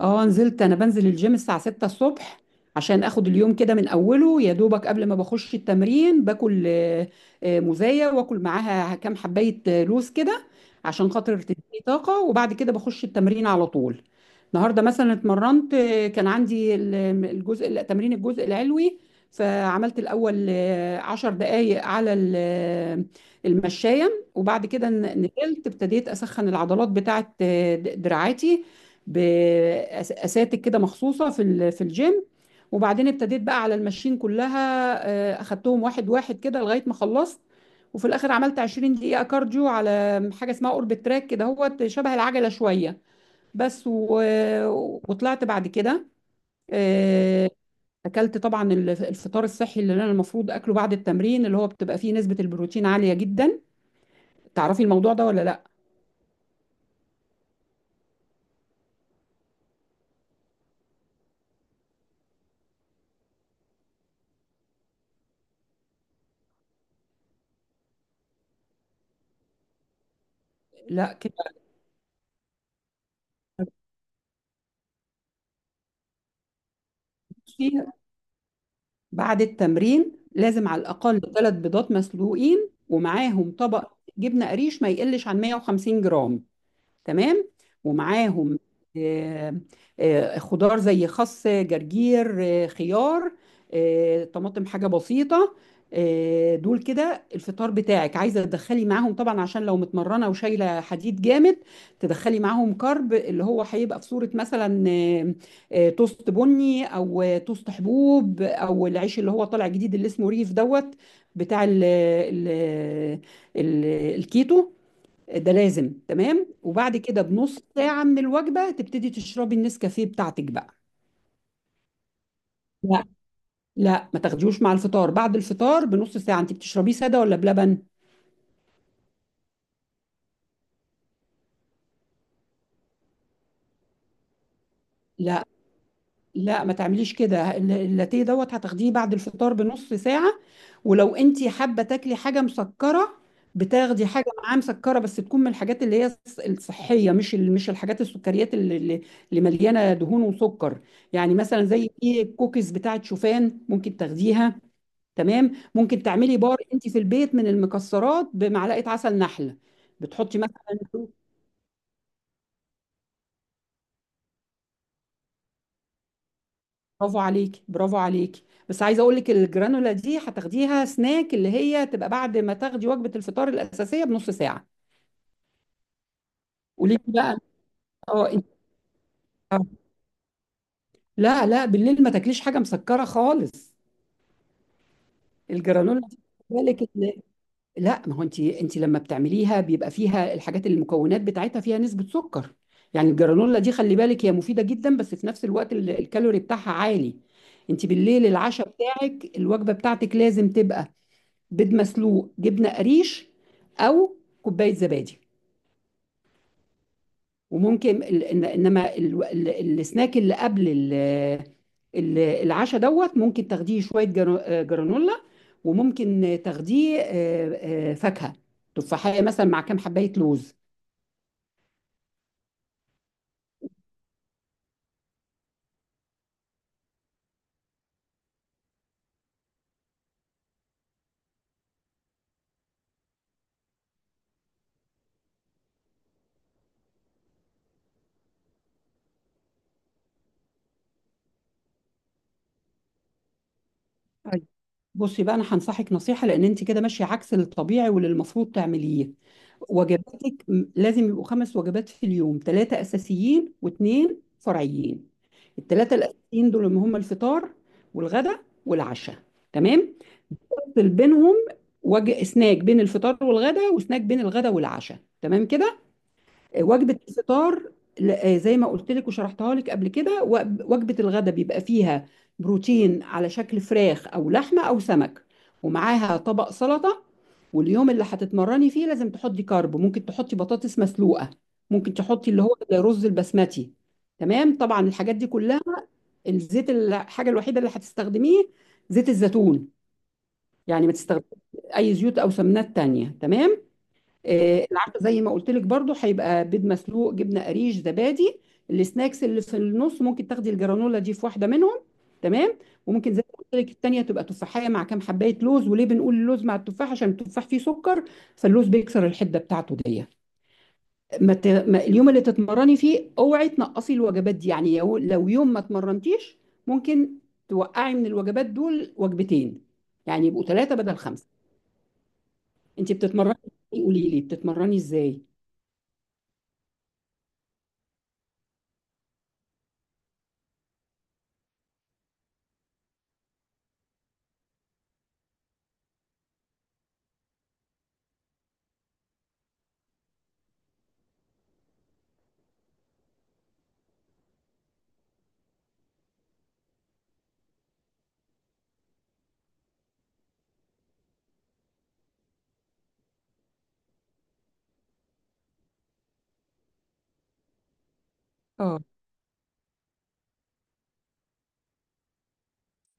اه، نزلت. انا بنزل الجيم الساعة 6 الصبح عشان اخد اليوم كده من اوله، يا دوبك. قبل ما بخش التمرين باكل موزاية واكل معاها كام حباية لوز كده عشان خاطر تديني طاقة. وبعد كده بخش التمرين على طول. النهاردة مثلا اتمرنت. كان عندي الجزء لا، تمرين الجزء العلوي. فعملت الأول 10 دقايق على المشاية. وبعد كده نزلت ابتديت أسخن العضلات بتاعت دراعاتي بأساتك كده مخصوصة في في الجيم. وبعدين ابتديت بقى على الماشين كلها. اخدتهم واحد واحد كده لغاية ما خلصت. وفي الاخر عملت 20 دقيقة كارديو على حاجة اسمها اوربت تراك كده، هو شبه العجلة شوية بس. وطلعت بعد كده. آه، اكلت طبعا الفطار الصحي اللي انا المفروض اكله بعد التمرين، اللي هو بتبقى فيه نسبة البروتين عالية جدا. تعرفي الموضوع ده ولا لا؟ لا كده. بعد التمرين لازم على الأقل ثلاث بيضات مسلوقين، ومعاهم طبق جبنة قريش ما يقلش عن 150 جرام، تمام. ومعاهم آه، خضار زي خس، جرجير، خيار، طماطم، حاجة بسيطة. دول كده الفطار بتاعك. عايزة تدخلي معاهم طبعا، عشان لو متمرنة وشايلة حديد جامد تدخلي معاهم كارب، اللي هو هيبقى في صورة مثلا توست بني، او توست حبوب، او العيش اللي هو طالع جديد اللي اسمه ريف دوت، بتاع ال ال ال الكيتو ده، لازم. تمام. وبعد كده بنص ساعة من الوجبة تبتدي تشربي النسكافيه بتاعتك بقى. لا، لا ما تاخديهوش مع الفطار. بعد الفطار بنص ساعة. انت بتشربيه سادة ولا بلبن؟ لا، لا ما تعمليش كده. اللاتيه دوت هتاخديه بعد الفطار بنص ساعة. ولو انت حابة تاكلي حاجة مسكرة بتاخدي حاجة معاه مسكرة، بس تكون من الحاجات اللي هي الصحية، مش مش الحاجات السكريات اللي مليانة دهون وسكر. يعني مثلا زي في الكوكيز بتاعت شوفان، ممكن تاخديها. تمام. ممكن تعملي بار انت في البيت من المكسرات بمعلقه عسل نحل. بتحطي مثلا. برافو عليكي، برافو عليكي. بس عايزه اقول لك الجرانولا دي هتاخديها سناك، اللي هي تبقى بعد ما تاخدي وجبه الفطار الاساسيه بنص ساعه. قولي لي بقى. اه انت. آه، لا، لا بالليل ما تاكليش حاجه مسكره خالص. الجرانولا دي خلي بالك. لا، ما هو انت انت لما بتعمليها بيبقى فيها الحاجات، اللي المكونات بتاعتها فيها نسبة سكر. يعني الجرانولا دي خلي بالك، هي مفيدة جدا بس في نفس الوقت الكالوري بتاعها عالي. انت بالليل العشاء بتاعك الوجبة بتاعتك لازم تبقى بيض مسلوق، جبنة قريش، او كوباية زبادي. وممكن انما السناك اللي قبل العشاء دوت ممكن تاخديه شويه جرانولا. وممكن تاخديه فاكهه، تفاحيه مثلا مع كام حبايه لوز. طيب بصي بقى، انا هنصحك نصيحه لان انت كده ماشيه عكس الطبيعي واللي المفروض تعمليه. وجباتك لازم يبقوا خمس وجبات في اليوم، ثلاثه اساسيين واثنين فرعيين. الثلاثه الاساسيين دول هم الفطار والغداء والعشاء، تمام. فاصل بينهم وجه سناك بين الفطار والغداء، وسناك بين الغداء والعشاء، تمام كده. وجبة الفطار زي ما قلت لك وشرحتها لك قبل كده. وجبة الغداء بيبقى فيها بروتين على شكل فراخ أو لحمة أو سمك، ومعاها طبق سلطة. واليوم اللي هتتمرني فيه لازم تحطي كارب. ممكن تحطي بطاطس مسلوقة، ممكن تحطي اللي هو الرز البسمتي، تمام. طبعا الحاجات دي كلها، الزيت الحاجة الوحيدة اللي هتستخدميه زيت الزيتون. يعني ما تستخدميش اي زيوت او سمنات تانية، تمام. العشاء زي ما قلت لك برضو هيبقى بيض مسلوق، جبنه قريش، زبادي. السناكس اللي في النص ممكن تاخدي الجرانولا دي في واحده منهم، تمام. وممكن زي ما قلت لك التانية تبقى تفاحيه مع كام حبايه لوز. وليه بنقول اللوز مع التفاح؟ عشان التفاح فيه سكر، فاللوز بيكسر الحده بتاعته دي. ما اليوم اللي تتمرني فيه اوعي تنقصي الوجبات دي. يعني لو يوم ما اتمرنتيش ممكن توقعي من الوجبات دول وجبتين، يعني يبقوا ثلاثه بدل خمسه. انت بتتمرني؟ قولي لي بتتمرني ازاي. اه.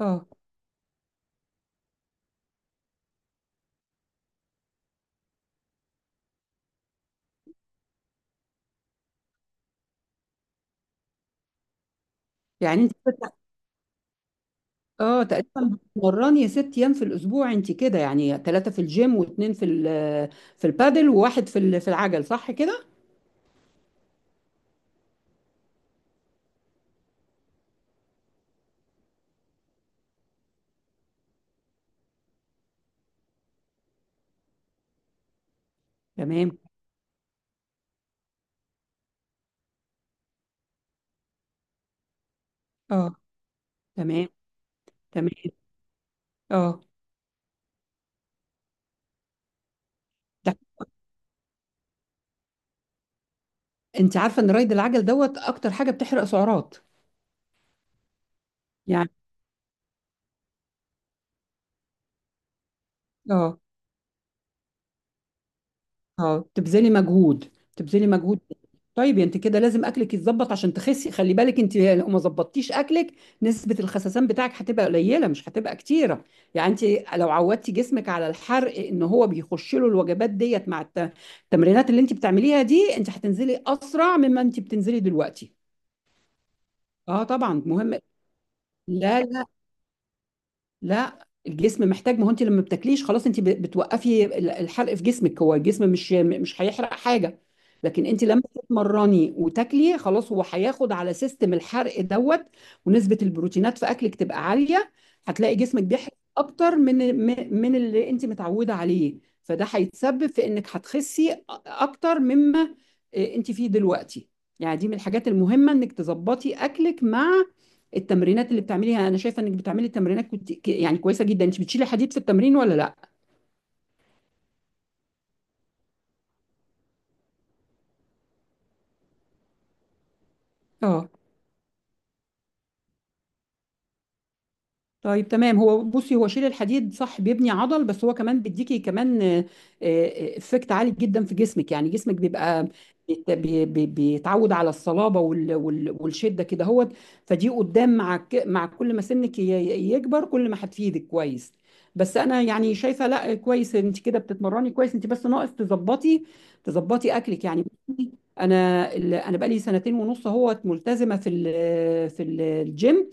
اه يعني انت اه تقريبا بتتمرني 6 ايام في الاسبوع انت كده. يعني ثلاثه في الجيم، واثنين في في البادل، وواحد في في العجل، صح كده؟ تمام. اه. تمام. تمام. اه ده. انت عارفه ان رايد العجل دوت اكتر حاجه بتحرق سعرات؟ يعني. اه. اه تبذلي مجهود، تبذلي مجهود. طيب يعني انت كده لازم اكلك يتظبط عشان تخسي. خلي بالك، انت لو ما ظبطتيش اكلك نسبة الخسسان بتاعك هتبقى قليلة، مش هتبقى كتيرة. يعني انت لو عودتي جسمك على الحرق ان هو بيخش له الوجبات ديت مع التمرينات اللي انت بتعمليها دي، انت هتنزلي اسرع مما انت بتنزلي دلوقتي. اه طبعا مهم. لا، لا الجسم محتاج. ما هو انت لما بتاكليش خلاص انت بتوقفي الحرق في جسمك. هو الجسم مش هيحرق حاجه. لكن انت لما تتمرني وتاكلي خلاص هو هياخد على سيستم الحرق دوت، ونسبه البروتينات في اكلك تبقى عاليه، هتلاقي جسمك بيحرق اكتر من من اللي انت متعوده عليه. فده هيتسبب في انك هتخسي اكتر مما انت فيه دلوقتي. يعني دي من الحاجات المهمه انك تظبطي اكلك مع التمرينات اللي بتعمليها. انا شايفه انك بتعملي تمرينات يعني كويسه جدا. انت بتشيلي حديد في التمرين ولا لا؟ اه. طيب تمام. هو بصي، هو شيل الحديد صح بيبني عضل، بس هو كمان بيديكي كمان افكت عالي جدا في جسمك. يعني جسمك بيبقى بيتعود على الصلابة والشدة كده، هو فدي قدام مع مع كل ما سنك يكبر كل ما هتفيدك كويس. بس انا يعني شايفة، لا كويس انت كده بتتمرني كويس، انت بس ناقص تظبطي اكلك يعني. انا انا بقالي سنتين ونص اهوت ملتزمة في في الجيم.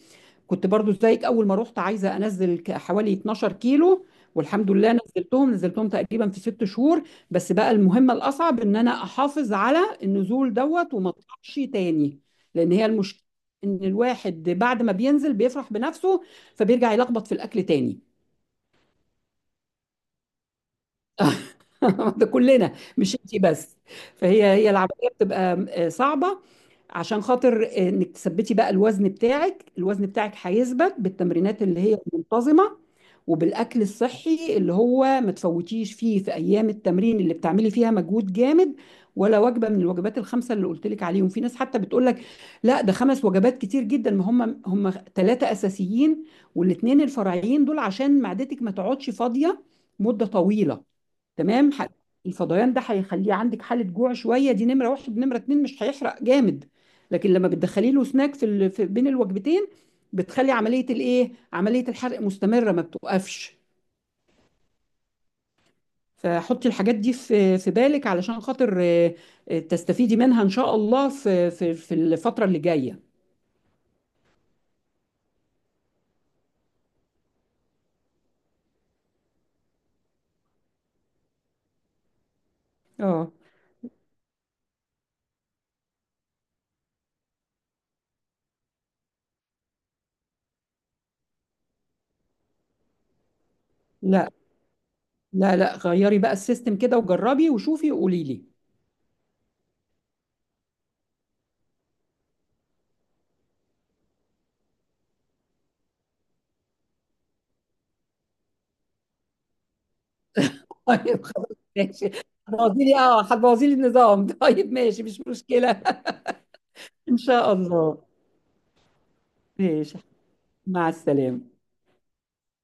كنت برضو زيك اول ما رحت، عايزه انزل حوالي 12 كيلو. والحمد لله نزلتهم. نزلتهم تقريبا في 6 شهور. بس بقى المهمه الاصعب ان انا احافظ على النزول دوت، وما اطلعش تاني. لان هي المشكله ان الواحد بعد ما بينزل بيفرح بنفسه فبيرجع يلخبط في الاكل تاني. ده كلنا مش انت بس. فهي العمليه بتبقى صعبه عشان خاطر انك تثبتي بقى الوزن بتاعك. الوزن بتاعك هيثبت بالتمرينات اللي هي منتظمه، وبالاكل الصحي اللي هو ما تفوتيش فيه في ايام التمرين اللي بتعملي فيها مجهود جامد. ولا وجبه من الوجبات الخمسه اللي قلت لك عليهم. في ناس حتى بتقول لك لا ده خمس وجبات كتير جدا. ما هم ثلاثه اساسيين، والاثنين الفرعيين دول عشان معدتك ما تقعدش فاضيه مده طويله، تمام. الفضيان ده هيخليه عندك حالة جوع شوية، دي نمرة واحد. نمرة اتنين مش هيحرق جامد. لكن لما بتدخلي له سناك في بين الوجبتين بتخلي عملية الايه، عملية الحرق مستمرة ما بتوقفش. فحطي الحاجات دي في بالك، علشان خاطر تستفيدي منها ان شاء الله في الفترة اللي جاية. اه. لا، لا لا غيري بقى السيستم كده وجربي وشوفي وقولي لي. طيب خلاص ماشي. هتبوظي لي، اه هتبوظي لي النظام. طيب ماشي مش مشكلة. إن شاء الله. ماشي. مع السلامة.